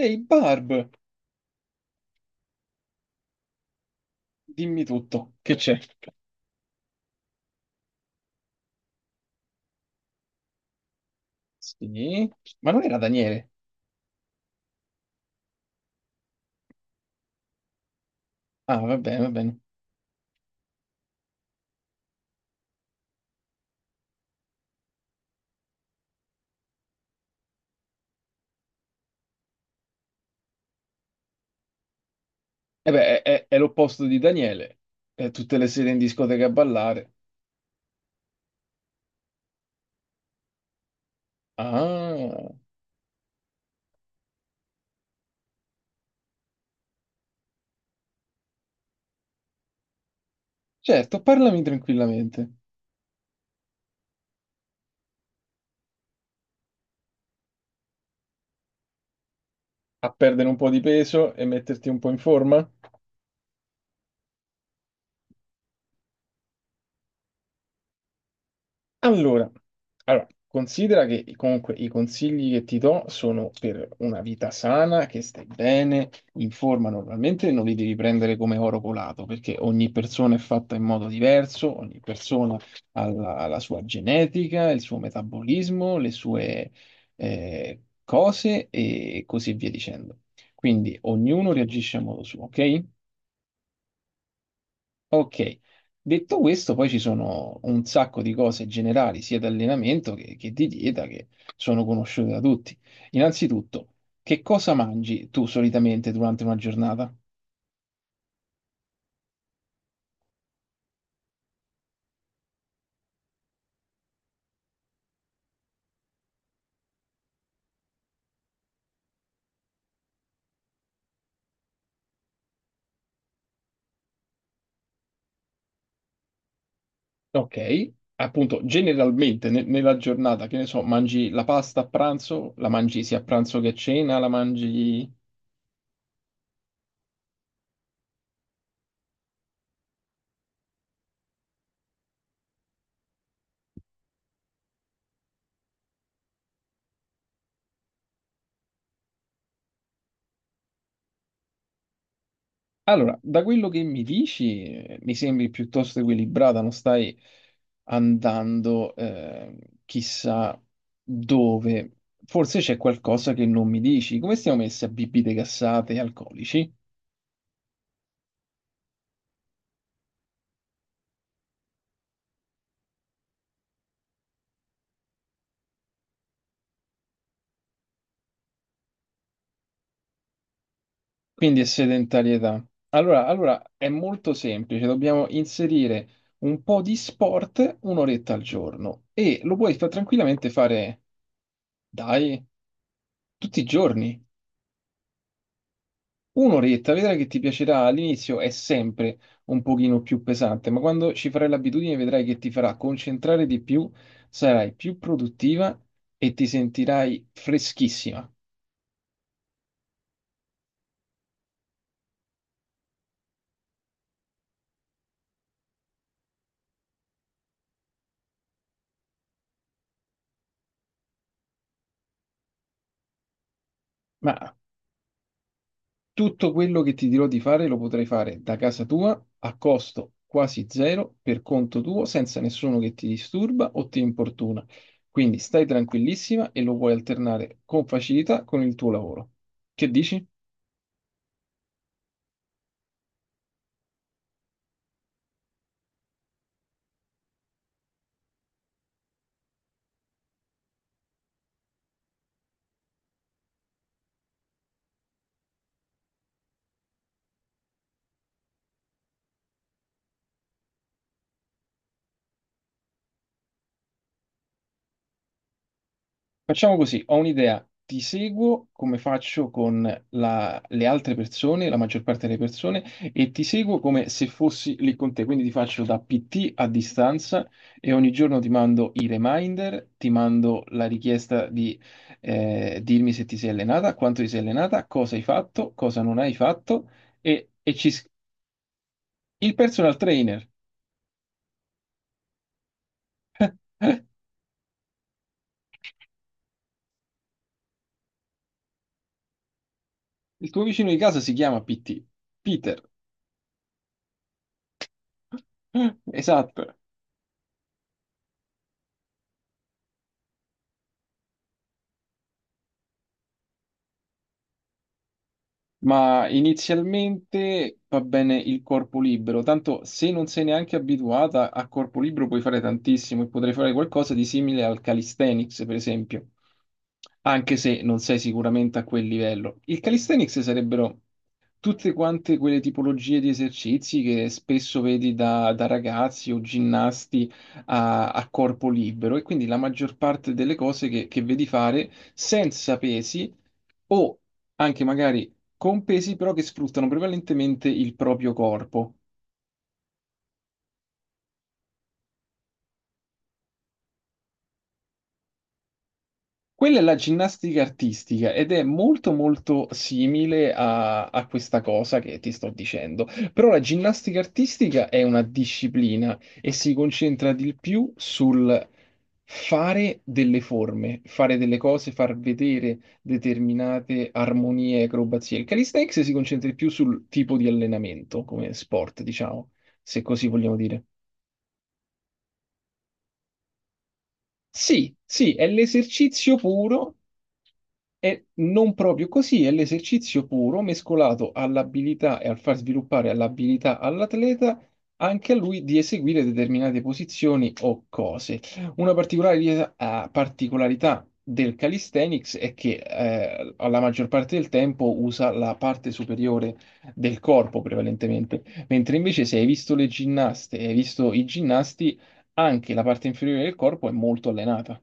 Ehi, Barb, dimmi tutto, che c'è? Sì, ma non era Daniele? Ah, va bene, va bene. E beh, è l'opposto di Daniele. È tutte le sere in discoteca a ballare. Ah, certo, parlami tranquillamente. A perdere un po' di peso e metterti un po' in forma? Allora, allora, considera che comunque i consigli che ti do sono per una vita sana, che stai bene, in forma normalmente, non li devi prendere come oro colato, perché ogni persona è fatta in modo diverso, ogni persona ha la sua genetica, il suo metabolismo, le sue cose e così via dicendo. Quindi ognuno reagisce a modo suo, ok? Ok, detto questo, poi ci sono un sacco di cose generali, sia di allenamento che di dieta, che sono conosciute da tutti. Innanzitutto, che cosa mangi tu solitamente durante una giornata? Ok, appunto, generalmente nella giornata, che ne so, mangi la pasta a pranzo, la mangi sia a pranzo che a cena, la mangi... Allora, da quello che mi dici, mi sembri piuttosto equilibrata, non stai andando chissà dove. Forse c'è qualcosa che non mi dici. Come stiamo messi a bibite gassate e alcolici? Quindi è sedentarietà. Allora, è molto semplice, dobbiamo inserire un po' di sport un'oretta al giorno e lo puoi tranquillamente fare, dai, tutti i giorni. Un'oretta, vedrai che ti piacerà. All'inizio è sempre un pochino più pesante, ma quando ci farai l'abitudine vedrai che ti farà concentrare di più, sarai più produttiva e ti sentirai freschissima. Ma tutto quello che ti dirò di fare lo potrai fare da casa tua a costo quasi zero, per conto tuo, senza nessuno che ti disturba o ti importuna. Quindi stai tranquillissima e lo puoi alternare con facilità con il tuo lavoro. Che dici? Facciamo così, ho un'idea, ti seguo come faccio con le altre persone, la maggior parte delle persone, e ti seguo come se fossi lì con te, quindi ti faccio da PT a distanza e ogni giorno ti mando i reminder, ti mando la richiesta di dirmi se ti sei allenata, quanto ti sei allenata, cosa hai fatto, cosa non hai fatto, e, e ci... s- il personal trainer, il tuo vicino di casa si chiama PT, Peter. Esatto. Ma inizialmente va bene il corpo libero, tanto se non sei neanche abituata a corpo libero puoi fare tantissimo e potrei fare qualcosa di simile al calisthenics, per esempio, anche se non sei sicuramente a quel livello. Il calisthenics sarebbero tutte quante quelle tipologie di esercizi che spesso vedi da ragazzi o ginnasti a corpo libero e quindi la maggior parte delle cose che vedi fare senza pesi o anche magari con pesi però che sfruttano prevalentemente il proprio corpo. Quella è la ginnastica artistica ed è molto molto simile a questa cosa che ti sto dicendo, però la ginnastica artistica è una disciplina e si concentra di più sul fare delle forme, fare delle cose, far vedere determinate armonie e acrobazie. Il calisthenics si concentra di più sul tipo di allenamento come sport, diciamo, se così vogliamo dire. Sì, sì, è l'esercizio puro, e non proprio così, è l'esercizio puro mescolato all'abilità e al far sviluppare all'abilità all'atleta anche a lui di eseguire determinate posizioni o cose. Una particolare particolarità del calisthenics è che alla maggior parte del tempo usa la parte superiore del corpo prevalentemente, mentre invece se hai visto le ginnaste, e hai visto i ginnasti anche la parte inferiore del corpo è molto allenata.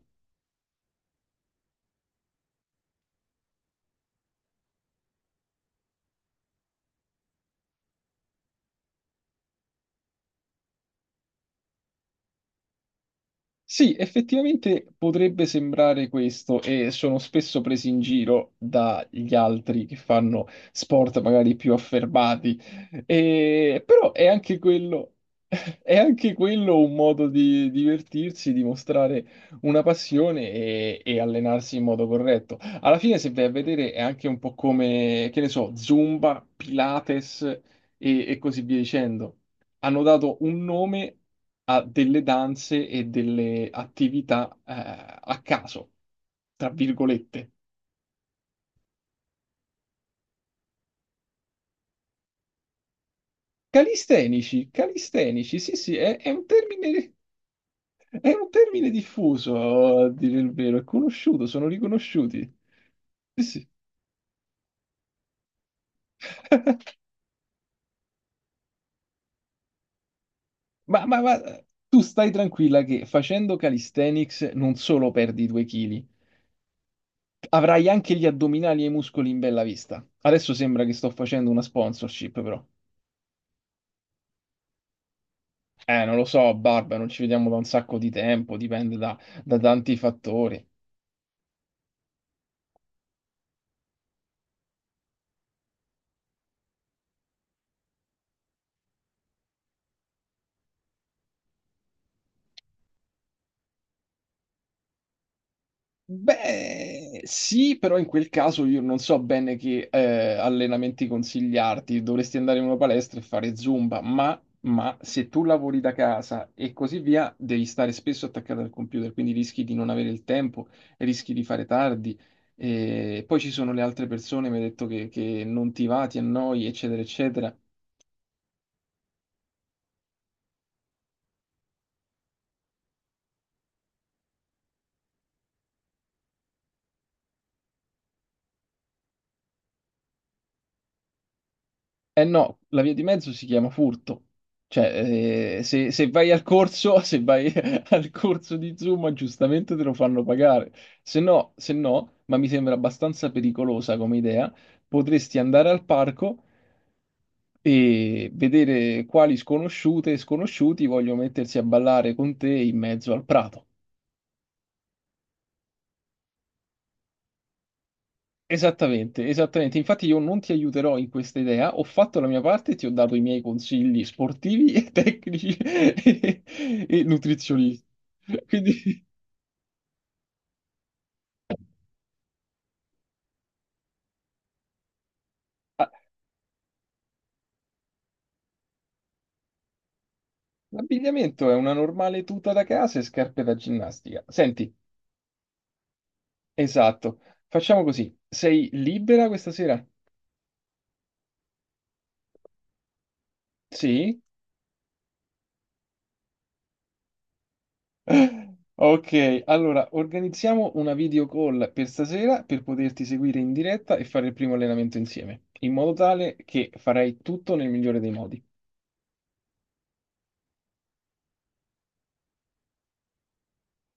Sì, effettivamente potrebbe sembrare questo e sono spesso presi in giro dagli altri che fanno sport magari più affermati. Però è anche quello, è anche quello un modo di divertirsi, di mostrare una passione e allenarsi in modo corretto. Alla fine, se vai a vedere, è anche un po' come, che ne so, Zumba, Pilates e così via dicendo. Hanno dato un nome a delle danze e delle attività a caso, tra virgolette. Calistenici, sì, sì, è un termine, è un termine diffuso, a dire il vero, è conosciuto, sono riconosciuti. Sì, sì. Ma tu stai tranquilla che facendo calisthenics non solo perdi due chili, avrai anche gli addominali e i muscoli in bella vista. Adesso sembra che sto facendo una sponsorship, però. Non lo so, Barba, non ci vediamo da un sacco di tempo, dipende da, da tanti fattori. Beh, sì, però in quel caso io non so bene che allenamenti consigliarti. Dovresti andare in una palestra e fare Zumba, ma se tu lavori da casa e così via, devi stare spesso attaccato al computer, quindi rischi di non avere il tempo, rischi di fare tardi. E poi ci sono le altre persone, mi hai detto che non ti va, ti annoi, eccetera, eccetera. Eh no, la via di mezzo si chiama furto. Cioè, se vai al corso, se vai al corso di Zuma, giustamente te lo fanno pagare. Se no, se no, ma mi sembra abbastanza pericolosa come idea, potresti andare al parco e vedere quali sconosciute e sconosciuti vogliono mettersi a ballare con te in mezzo al prato. Esattamente, esattamente. Infatti io non ti aiuterò in questa idea, ho fatto la mia parte, ti ho dato i miei consigli sportivi e tecnici e nutrizionisti. Quindi ah, l'abbigliamento è una normale tuta da casa e scarpe da ginnastica. Senti, esatto, facciamo così. Sei libera questa sera? Sì? Ok, allora organizziamo una video call per stasera per poterti seguire in diretta e fare il primo allenamento insieme, in modo tale che farai tutto nel migliore dei modi.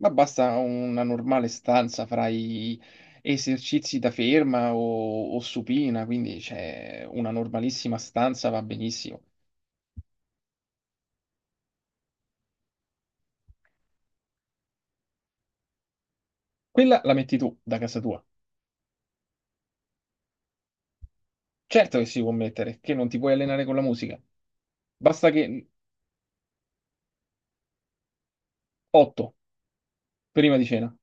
Ma basta una normale stanza, farai esercizi da ferma o supina, quindi c'è una normalissima stanza, va benissimo. Quella la metti tu da casa tua. Certo che si può mettere, che non ti puoi allenare con la musica. Basta che 8, prima di cena.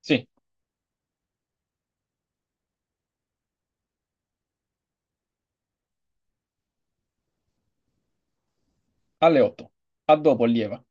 Sì, alle 8. A dopo, allieva.